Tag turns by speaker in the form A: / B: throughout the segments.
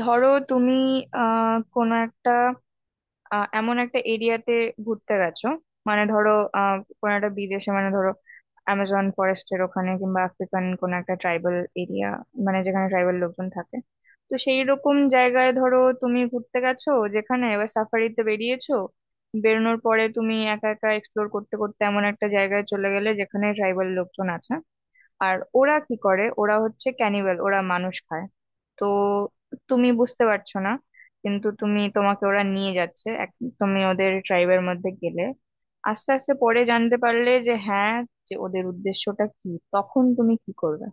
A: ধরো তুমি কোনো একটা এমন একটা এরিয়াতে ঘুরতে গেছো। মানে ধরো কোনো একটা বিদেশে, মানে ধরো অ্যামাজন ফরেস্টের ওখানে কিংবা আফ্রিকান কোনো একটা ট্রাইবাল এরিয়া, মানে যেখানে ট্রাইবাল লোকজন থাকে। তো সেই রকম জায়গায় ধরো তুমি ঘুরতে গেছো, যেখানে এবার সাফারিতে বেরিয়েছো। বেরোনোর পরে তুমি একা একা এক্সপ্লোর করতে করতে এমন একটা জায়গায় চলে গেলে যেখানে ট্রাইবাল লোকজন আছে। আর ওরা কি করে, ওরা হচ্ছে ক্যানিবাল, ওরা মানুষ খায়। তো তুমি বুঝতে পারছো না, কিন্তু তুমি, তোমাকে ওরা নিয়ে যাচ্ছে এক, তুমি ওদের ট্রাইবের মধ্যে গেলে। আস্তে আস্তে পরে জানতে পারলে যে হ্যাঁ, যে ওদের উদ্দেশ্যটা কি। তখন তুমি কি করবে?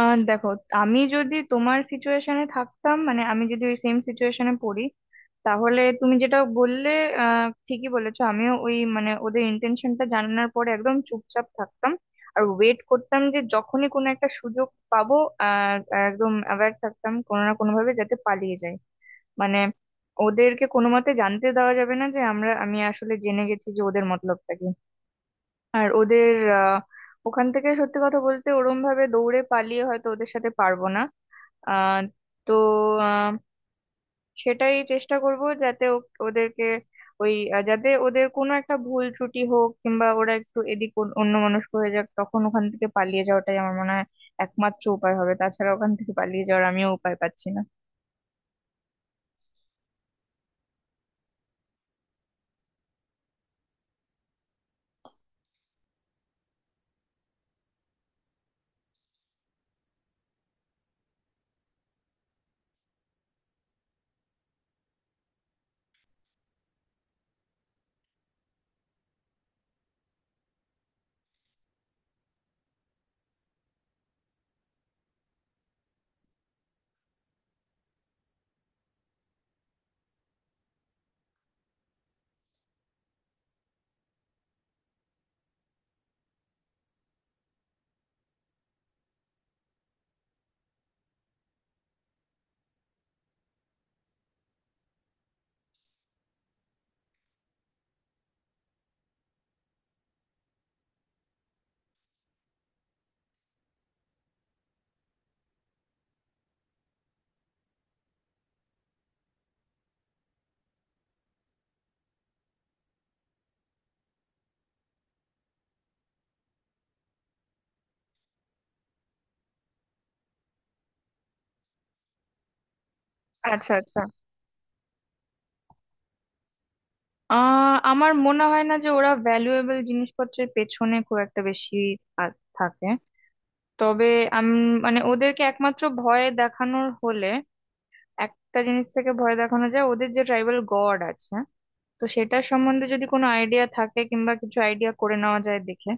A: দেখো, আমি যদি তোমার সিচুয়েশনে থাকতাম, মানে আমি যদি ওই সেম সিচুয়েশনে পড়ি, তাহলে তুমি যেটা বললে ঠিকই বলেছো, আমিও ওই মানে ওদের ইন্টেনশনটা জানানোর পরে একদম চুপচাপ থাকতাম। আর ওয়েট করতাম যে যখনই কোনো একটা সুযোগ পাবো, আহ একদম অ্যাওয়্যার থাকতাম, কোনো না কোনো ভাবে যাতে পালিয়ে যায়। মানে ওদেরকে কোনো মতে জানতে দেওয়া যাবে না যে আমরা, আমি আসলে জেনে গেছি যে ওদের মতলবটা কি। আর ওদের আহ ওখান থেকে সত্যি কথা বলতে ওরম ভাবে দৌড়ে পালিয়ে হয়তো ওদের সাথে পারবো না। আহ তো সেটাই চেষ্টা করব যাতে ওদেরকে ওই যাতে ওদের কোনো একটা ভুল ত্রুটি হোক কিংবা ওরা একটু এদিক অন্য মানুষ হয়ে যাক, তখন ওখান থেকে পালিয়ে যাওয়াটাই আমার মনে হয় একমাত্র উপায় হবে। তাছাড়া ওখান থেকে পালিয়ে যাওয়ার আমিও উপায় পাচ্ছি না। আচ্ছা, আচ্ছা। আমার মনে হয় না যে ওরা ভ্যালুয়েবল জিনিসপত্রের পেছনে খুব একটা বেশি থাকে। তবে আমি, মানে ওদেরকে একমাত্র ভয় দেখানোর হলে একটা জিনিস থেকে ভয় দেখানো যায় ওদের, যে ট্রাইবাল গড আছে। তো সেটার সম্বন্ধে যদি কোনো আইডিয়া থাকে কিংবা কিছু আইডিয়া করে নেওয়া যায় দেখে,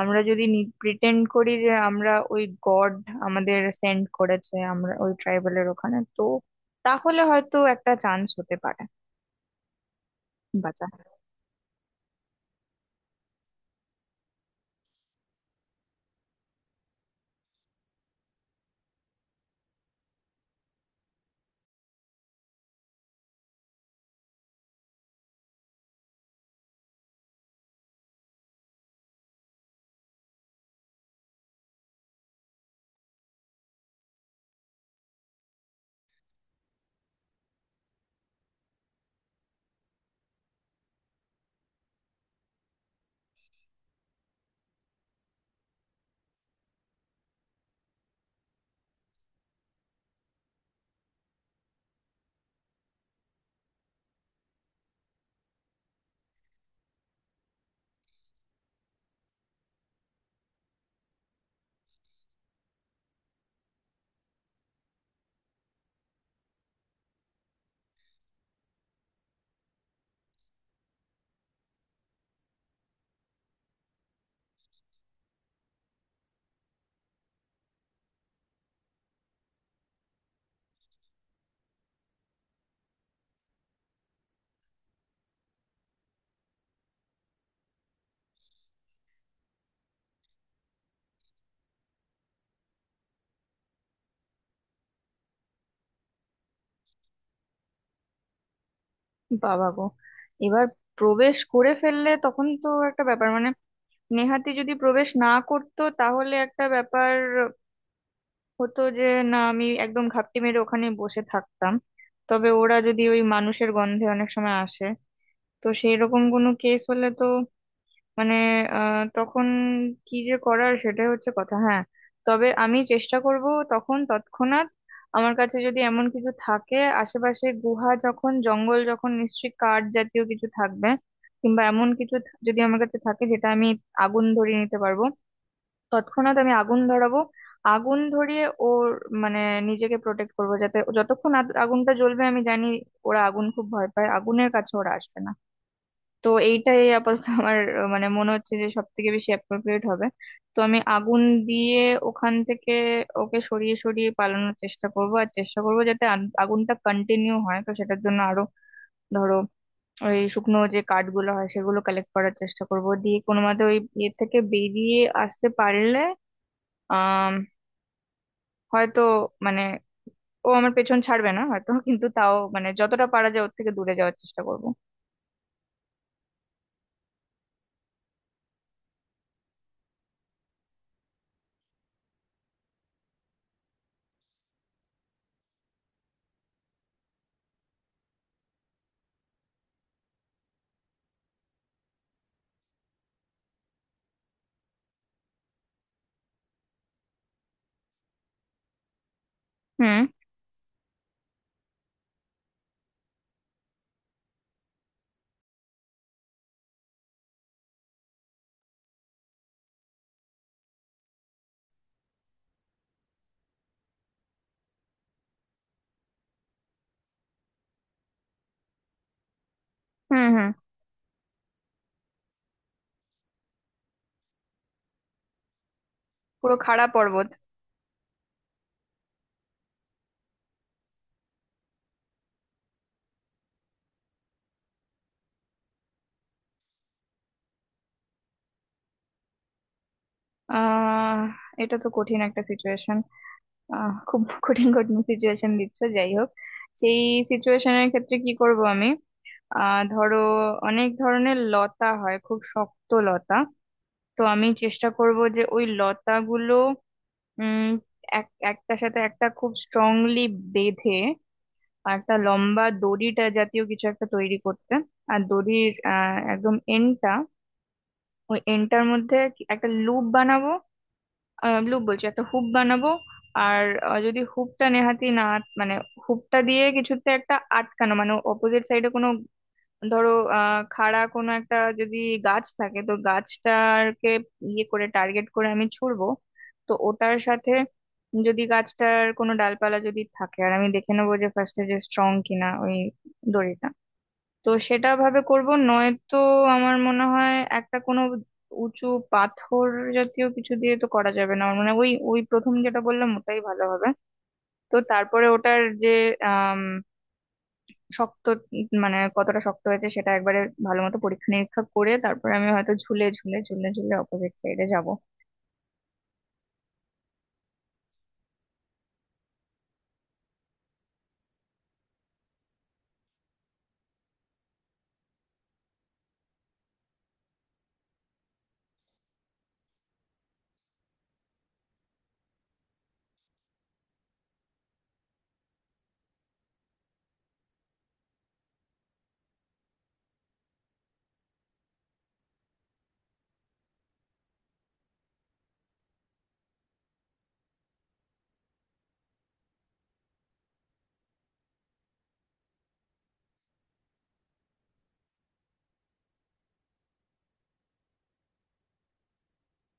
A: আমরা যদি প্রিটেন্ড করি যে আমরা ওই গড আমাদের সেন্ড করেছে আমরা ওই ট্রাইবেলের ওখানে, তো তাহলে হয়তো একটা চান্স হতে পারে বাঁচা। বাবা গো, এবার প্রবেশ করে ফেললে তখন তো একটা ব্যাপার, মানে নেহাতি যদি প্রবেশ না করতো তাহলে একটা ব্যাপার হতো যে না, আমি একদম ঘাপটি মেরে ওখানে বসে থাকতাম। তবে ওরা যদি ওই মানুষের গন্ধে অনেক সময় আসে, তো সেই রকম কোনো কেস হলে তো মানে তখন কি যে করার, সেটাই হচ্ছে কথা। হ্যাঁ, তবে আমি চেষ্টা করব তখন তৎক্ষণাৎ, আমার কাছে যদি এমন কিছু থাকে। আশেপাশে গুহা যখন, জঙ্গল যখন, নিশ্চয়ই কাঠ জাতীয় কিছু থাকবে, কিংবা এমন কিছু যদি আমার কাছে থাকে যেটা আমি আগুন ধরিয়ে নিতে পারবো, তৎক্ষণাৎ আমি আগুন ধরাবো। আগুন ধরিয়ে ওর মানে নিজেকে প্রোটেক্ট করবো, যাতে ও যতক্ষণ আগুনটা জ্বলবে আমি জানি ওরা আগুন খুব ভয় পায়, আগুনের কাছে ওরা আসবে না। তো এইটাই আপাতত আমার মানে মনে হচ্ছে যে সব থেকে বেশি অ্যাপ্রোপ্রিয়েট হবে। তো আমি আগুন দিয়ে ওখান থেকে ওকে সরিয়ে সরিয়ে পালানোর চেষ্টা করব। আর চেষ্টা করব যাতে আগুনটা কন্টিনিউ হয়, তো সেটার জন্য আরো ধরো ওই শুকনো যে কাঠগুলো হয় সেগুলো কালেক্ট করার চেষ্টা করব, দিয়ে কোনো মতে ওই ইয়ে থেকে বেরিয়ে আসতে পারলে আহ হয়তো মানে ও আমার পেছন ছাড়বে না হয়তো, কিন্তু তাও মানে যতটা পারা যায় ওর থেকে দূরে যাওয়ার চেষ্টা করব। হুম, হুম। হুম, পুরো খাড়া পর্বত। আহ এটা তো কঠিন একটা সিচুয়েশন, খুব কঠিন কঠিন সিচুয়েশন দিচ্ছ। যাই হোক, সেই সিচুয়েশনের ক্ষেত্রে কি করব আমি? ধরো অনেক ধরনের লতা হয়, খুব শক্ত লতা। তো আমি চেষ্টা করব যে ওই লতাগুলো উম এক একটার সাথে একটা খুব স্ট্রংলি বেঁধে আর একটা লম্বা দড়িটা জাতীয় কিছু একটা তৈরি করতে। আর দড়ির একদম এন্ডটা, ওই এন্ডটার মধ্যে একটা লুপ বানাবো। ব্লু বলছি, একটা হুপ বানাবো। আর যদি হুপটা নেহাতি না মানে হুপটা দিয়ে কিছুতে একটা আটকানো, মানে অপোজিট সাইডে কোনো, ধরো খাড়া কোনো একটা যদি গাছ থাকে, তো গাছটাকে ইয়ে করে টার্গেট করে আমি ছুড়বো। তো ওটার সাথে যদি গাছটার কোনো ডালপালা যদি থাকে, আর আমি দেখে নেবো যে ফার্স্টে যে স্ট্রং কিনা ওই দড়িটা, তো সেটা ভাবে করব। নয়তো আমার মনে হয় একটা কোনো উঁচু পাথর জাতীয় কিছু দিয়ে তো করা যাবে না, আমার মনে হয় ওই ওই প্রথম যেটা বললাম ওটাই ভালো হবে। তো তারপরে ওটার যে আম, শক্ত, মানে কতটা শক্ত হয়েছে সেটা একবারে ভালো মতো পরীক্ষা নিরীক্ষা করে তারপরে আমি হয়তো ঝুলে ঝুলে ঝুলে ঝুলে অপোজিট সাইডে যাব।